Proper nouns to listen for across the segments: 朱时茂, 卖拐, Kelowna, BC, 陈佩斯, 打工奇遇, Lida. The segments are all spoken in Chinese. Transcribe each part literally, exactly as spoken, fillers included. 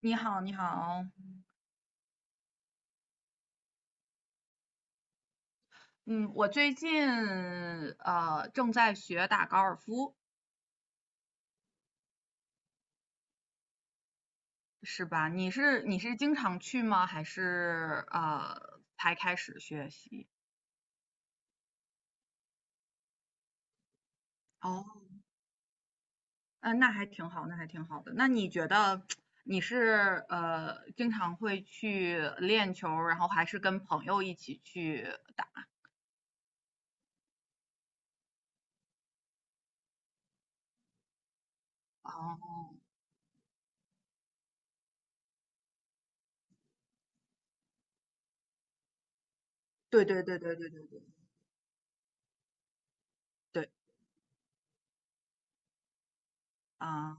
你好，你好。嗯，我最近呃正在学打高尔夫。是吧？你是你是经常去吗？还是呃才开始学习？哦。嗯、呃那还挺好，那还挺好的。那你觉得你是呃经常会去练球然后还是跟朋友一起去打？哦，对对对对对对对对，啊，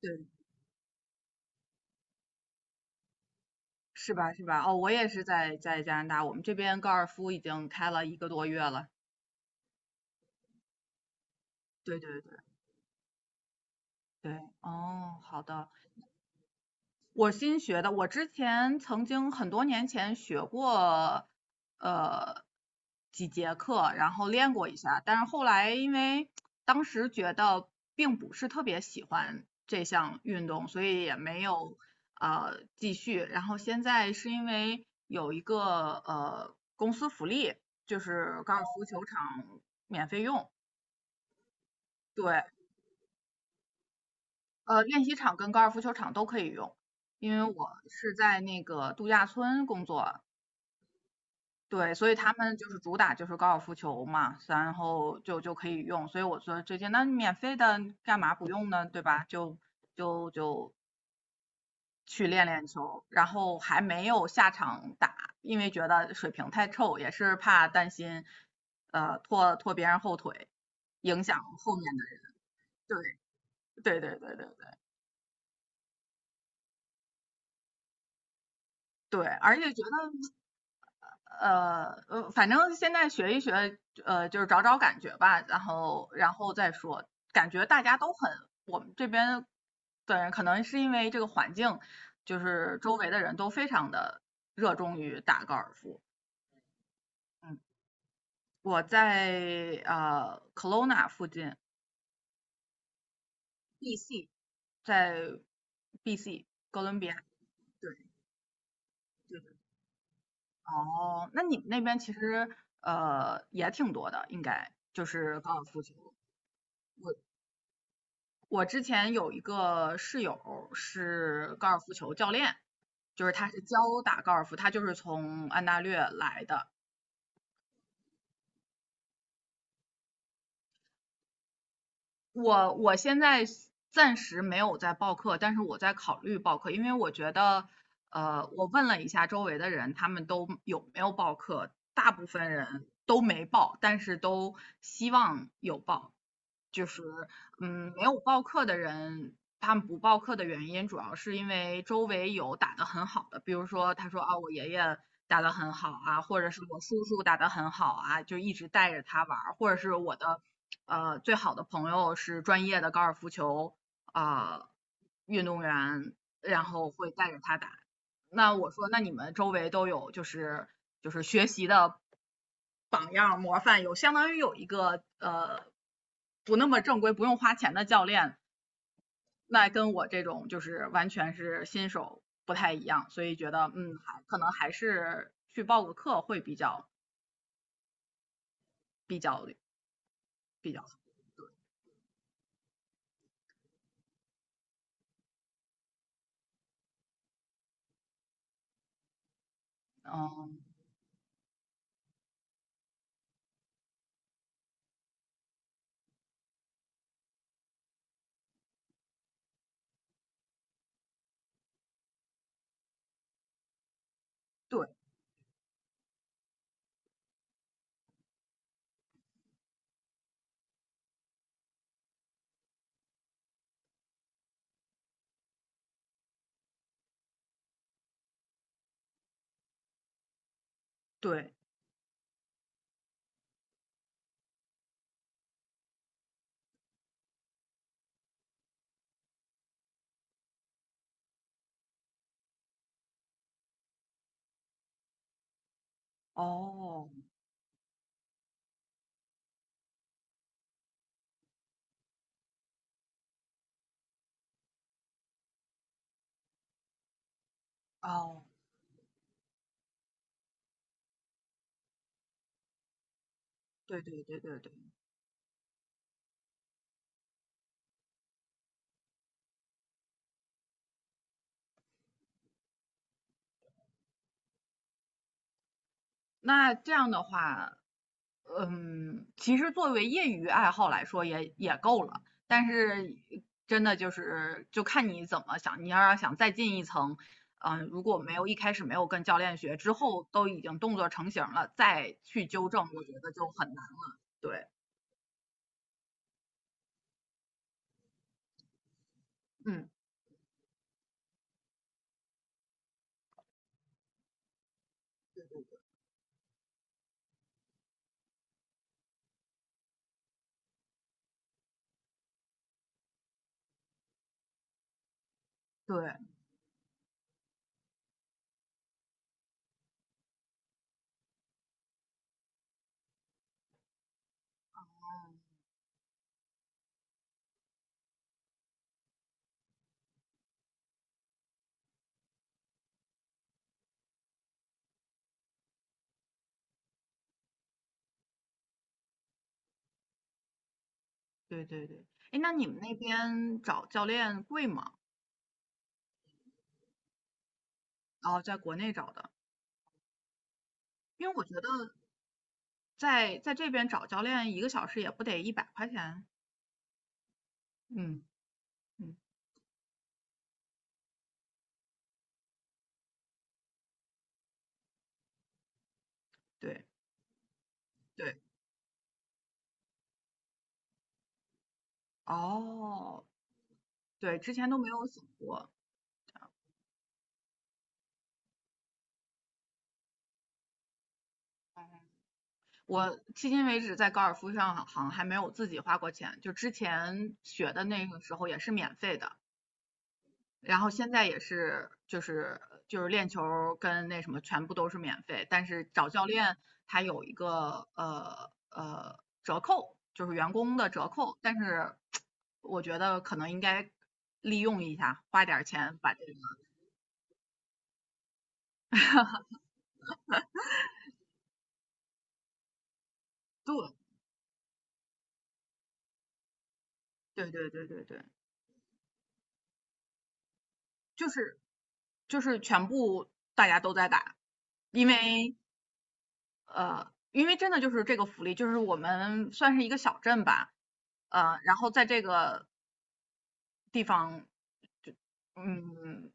对，是吧是吧？哦，我也是在在加拿大，我们这边高尔夫已经开了一个多月了。对对对对。哦，好的。我新学的，我之前曾经很多年前学过，呃，几节课，然后练过一下，但是后来因为当时觉得并不是特别喜欢这项运动，所以也没有呃继续。然后现在是因为有一个呃公司福利，就是高尔夫球场免费用。对，呃，练习场跟高尔夫球场都可以用，因为我是在那个度假村工作，对，所以他们就是主打就是高尔夫球嘛，然后就就可以用，所以我说最近那免费的干嘛不用呢，对吧？就就就去练练球，然后还没有下场打，因为觉得水平太臭，也是怕担心呃拖拖别人后腿，影响后面的人，对对对对对对对，而且觉得。呃呃，反正现在学一学，呃，就是找找感觉吧，然后然后再说。感觉大家都很，我们这边的人可能是因为这个环境，就是周围的人都非常的热衷于打高尔夫。嗯，我在呃 Kelowna 附近，B C，在 B C 哥伦比亚。对对对。哦，那你们那边其实呃也挺多的，应该就是高尔夫球。我之前有一个室友是高尔夫球教练，就是他是教打高尔夫，他就是从安大略来的。我我现在暂时没有在报课，但是我在考虑报课，因为我觉得，呃，我问了一下周围的人，他们都有没有报课，大部分人都没报，但是都希望有报。就是，嗯，没有报课的人，他们不报课的原因，主要是因为周围有打得很好的，比如说他说啊，我爷爷打得很好啊，或者是我叔叔打得很好啊，就一直带着他玩儿，或者是我的呃最好的朋友是专业的高尔夫球啊运动员，然后会带着他打。那我说，那你们周围都有就是就是学习的。榜样模范，有相当于有一个呃不那么正规、不用花钱的教练，那跟我这种就是完全是新手不太一样，所以觉得嗯，还可能还是去报个课会比较比较比较好。嗯，对对，哦哦，对对对对对。那这样的话，嗯，其实作为业余爱好来说也也够了，但是真的就是就看你怎么想，你要是想再进一层，嗯，如果没有一开始没有跟教练学，之后都已经动作成型了，再去纠正，我觉得就很难了。对，嗯，对，对对对。哎，那你们那边找教练贵吗？然后在国内找的，因为我觉得在在这边找教练一个小时也不得一百块钱。嗯嗯，对对。哦，对，之前都没有想过。我迄今为止在高尔夫上好像还没有自己花过钱，就之前学的那个时候也是免费的，然后现在也是就是就是练球儿跟那什么全部都是免费，但是找教练他有一个呃呃折扣，就是员工的折扣，但是我觉得可能应该利用一下，花点儿钱把这个。对对对对对对。就是就是全部大家都在打，因为呃，因为真的就是这个福利，就是我们算是一个小镇吧，呃，然后在这个地方就嗯，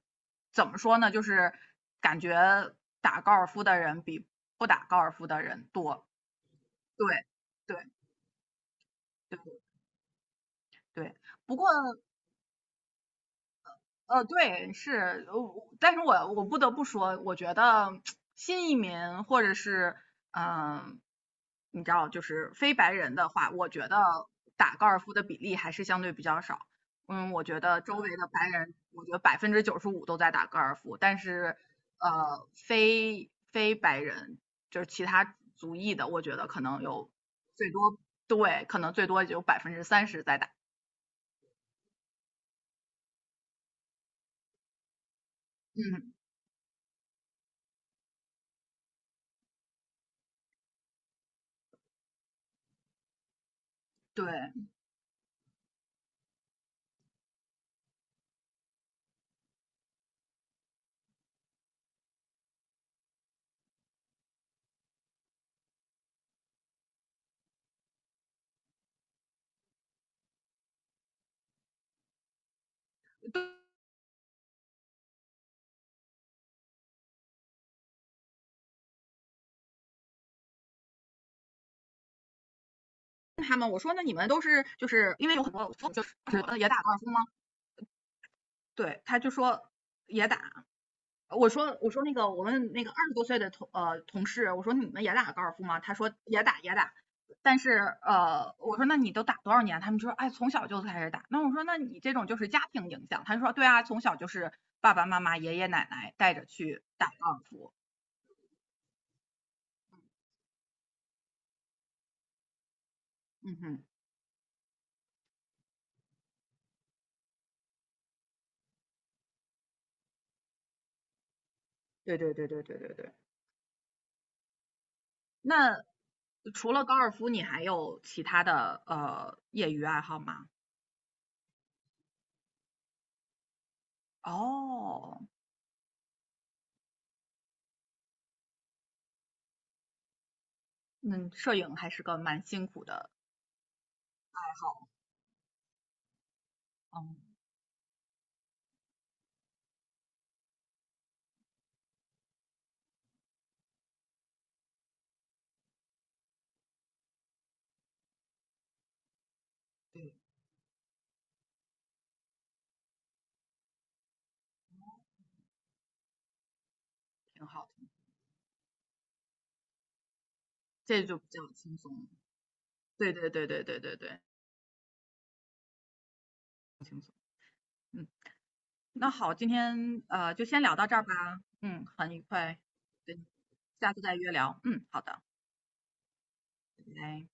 怎么说呢，就是感觉打高尔夫的人比不打高尔夫的人多，对对对对。不过呃，对，是，呃，但是我我不得不说，我觉得新移民或者是嗯、呃你知道，就是非白人的话，我觉得打高尔夫的比例还是相对比较少。嗯，我觉得周围的白人，我觉得百分之九十五都在打高尔夫，但是呃，非非白人就是其他族裔的，我觉得可能有最多，对，可能最多也就百分之三十在打。嗯，对。他们，我说那你们都是就是因为有很多就是呃也打高尔夫吗？对，他就说也打。我说我说那个我们那个二十多岁的同呃同事，我说你们也打高尔夫吗？他说也打也打。但是呃，我说那你都打多少年？他们就说哎，从小就开始打。那我说那你这种就是家庭影响。他说对啊，从小就是爸爸妈妈、爷爷奶奶带着去打高尔夫。嗯哼，对对对对对对对。那除了高尔夫，你还有其他的呃业余爱好吗？哦，那摄影还是个蛮辛苦的爱好，嗯，对，挺好的，这就比较轻松。对对对对对对对。嗯，那好，今天呃就先聊到这儿吧。嗯，很愉快。对，下次再约聊。嗯，好的，拜拜。